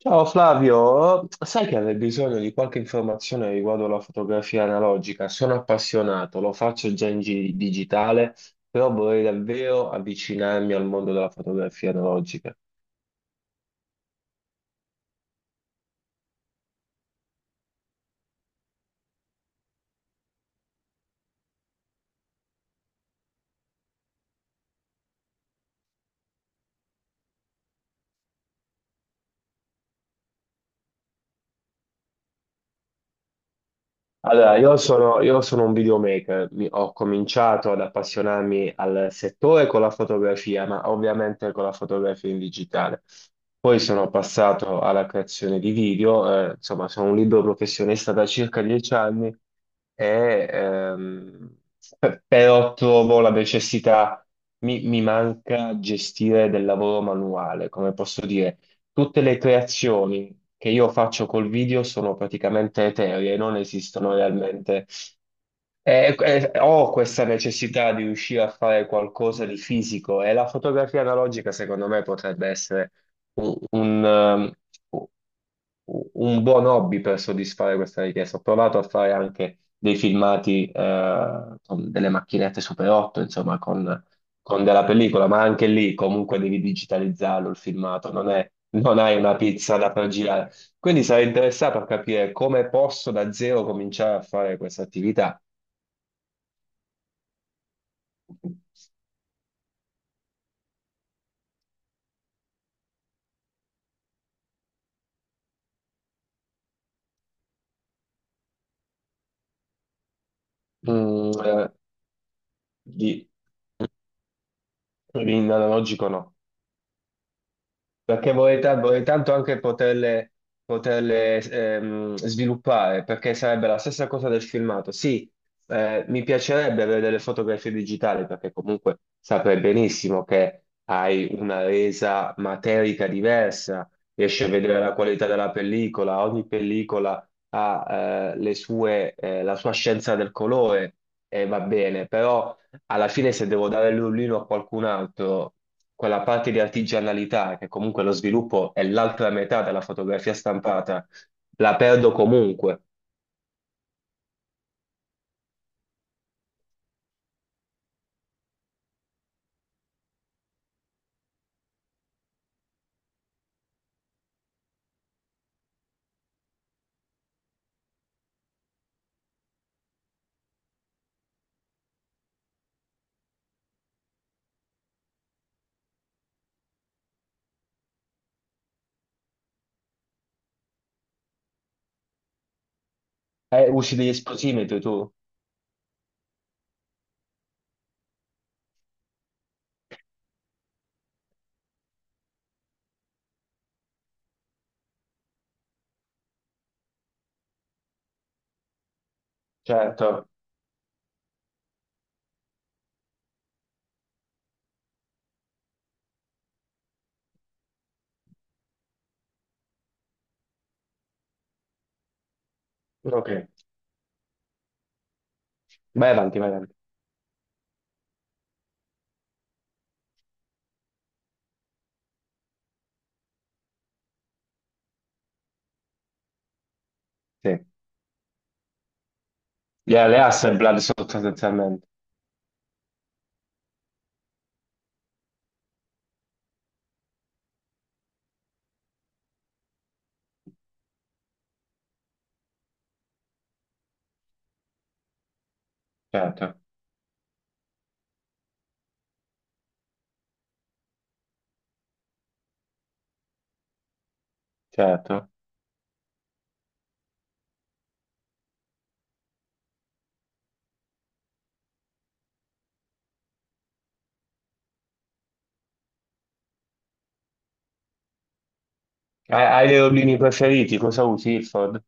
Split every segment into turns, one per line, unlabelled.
Ciao Flavio, sai che avrei bisogno di qualche informazione riguardo alla fotografia analogica? Sono appassionato, lo faccio già in digitale, però vorrei davvero avvicinarmi al mondo della fotografia analogica. Allora, io sono un videomaker. Ho cominciato ad appassionarmi al settore con la fotografia, ma ovviamente con la fotografia in digitale. Poi sono passato alla creazione di video, insomma, sono un libero professionista da circa 10 anni e però trovo la necessità, mi manca gestire del lavoro manuale, come posso dire. Tutte le creazioni che io faccio col video sono praticamente eteree, non esistono realmente. Ho questa necessità di riuscire a fare qualcosa di fisico e la fotografia analogica, secondo me, potrebbe essere un, un, ehm, un buon hobby per soddisfare questa richiesta. Ho provato a fare anche dei filmati con delle macchinette Super 8, insomma, con della pellicola, ma anche lì comunque devi digitalizzarlo il filmato, non hai una pizza da far girare. Quindi sarei interessato a capire come posso da zero cominciare a fare questa attività. Mm, eh, di, In analogico no. Perché vorrei, vorrei tanto anche poterle sviluppare, perché sarebbe la stessa cosa del filmato. Sì, mi piacerebbe avere delle fotografie digitali, perché comunque saprei benissimo che hai una resa materica diversa, riesci a vedere la qualità della pellicola, ogni pellicola ha, le sue, la sua scienza del colore e va bene, però alla fine se devo dare l'ullino a qualcun altro quella parte di artigianalità, che comunque lo sviluppo è l'altra metà della fotografia stampata, la perdo comunque. Usi degli esplosimetri tu? Certo. Ok. Vai avanti, vai avanti. Sì. Yeah, le Hasselblad sostanzialmente. Certo, certo. Hai, hai dei rollini preferiti? Cosa usi, Ilford?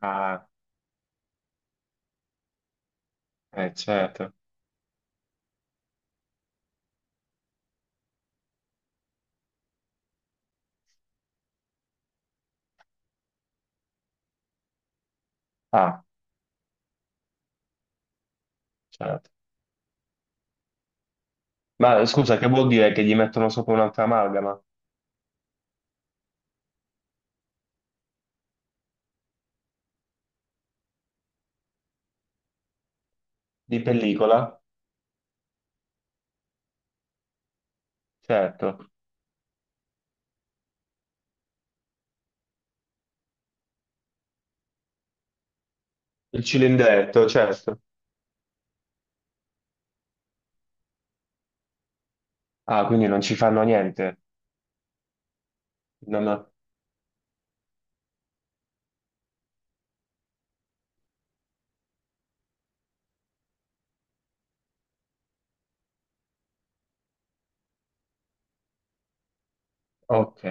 Ah, certo. Ah, certo. Ma scusa, che vuol dire che gli mettono sopra un'altra amalgama? Di pellicola? Certo. Il cilindretto, certo. Ah, quindi non ci fanno niente. Non ho- Ok,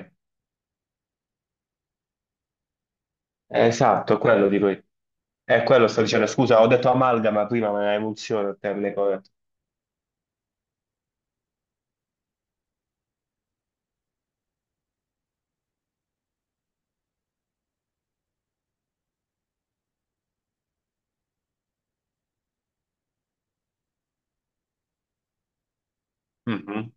esatto, quello dico io. È quello sto dicendo. Scusa, ho detto amalgama prima, ma è emulsione il termine corretto. Mhm.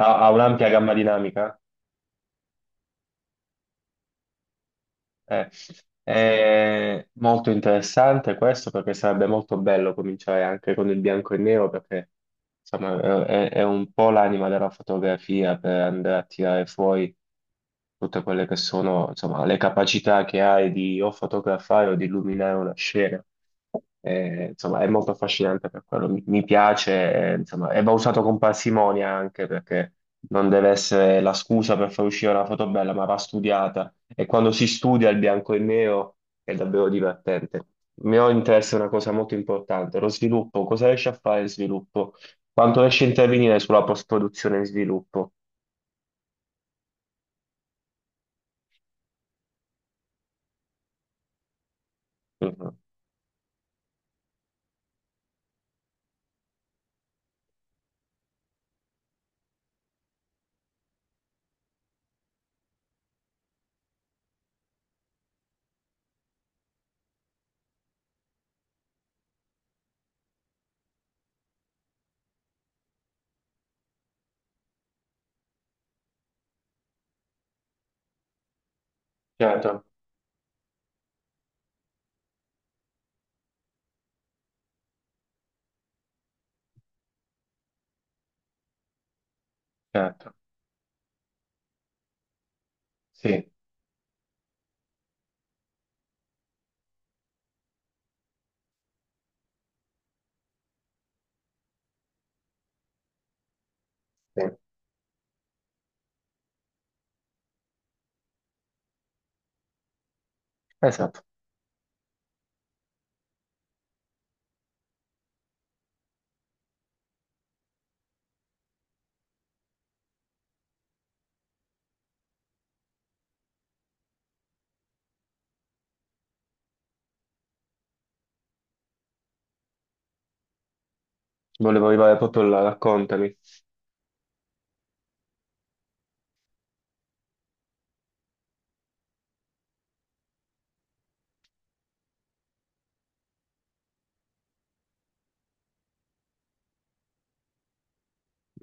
Ha, ha un'ampia gamma dinamica. Eh, È molto interessante questo perché sarebbe molto bello cominciare anche con il bianco e nero perché insomma è un po' l'anima della fotografia per andare a tirare fuori tutte quelle che sono insomma le capacità che hai di o fotografare o di illuminare una scena. Insomma, è molto affascinante per quello. Mi piace, insomma, e va usato con parsimonia anche perché non deve essere la scusa per far uscire una foto bella, ma va studiata. E quando si studia il bianco e il nero è davvero divertente. Il mio interesse è una cosa molto importante, lo sviluppo. Cosa riesce a fare il sviluppo? Quanto riesce a intervenire sulla post-produzione e sviluppo? Mhm. Certo, certo. Sì, sì. Esatto. Volevo arrivare proprio là, raccontami.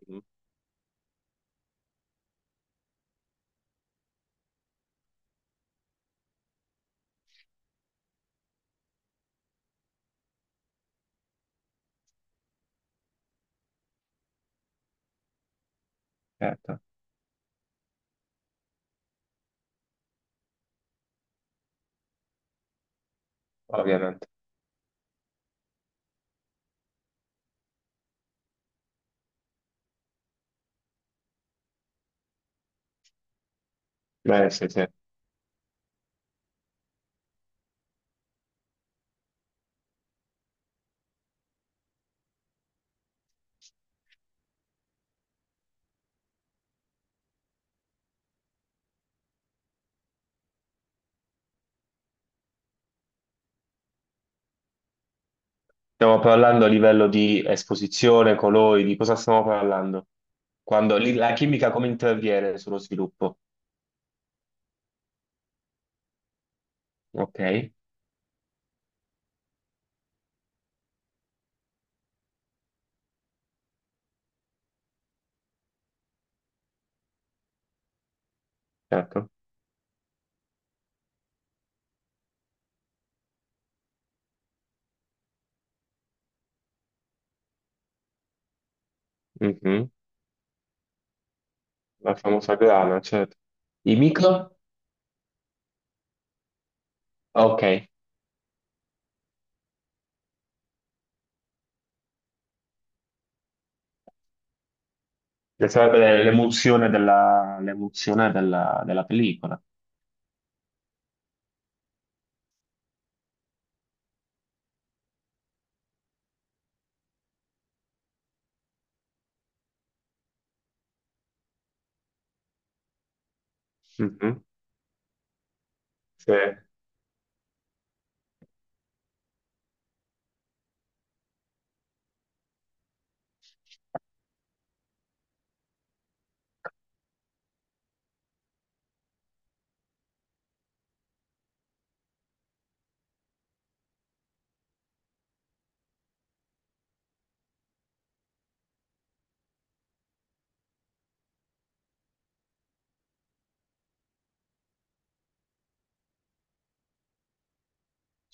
Mhm. Certo, ovviamente. Beh, sì, sì. Stiamo parlando a livello di esposizione, colori, di cosa stiamo parlando? Quando lì la chimica come interviene sullo sviluppo? Ok, certo. Mhm. La famosa grana, certo. I micro? Ok. Che sarebbe l'emulsione l'emulsione della pellicola. Mhm. Sì.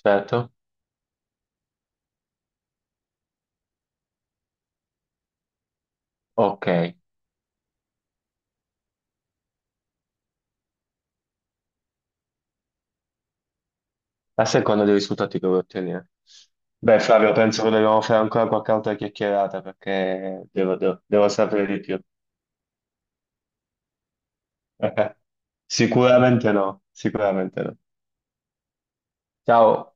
Certo. Ok. A seconda dei risultati che vuoi ottenere. Beh, Flavio, penso che dobbiamo fare ancora qualche altra chiacchierata perché devo sapere di più. Eh, sicuramente no, sicuramente no. Ciao.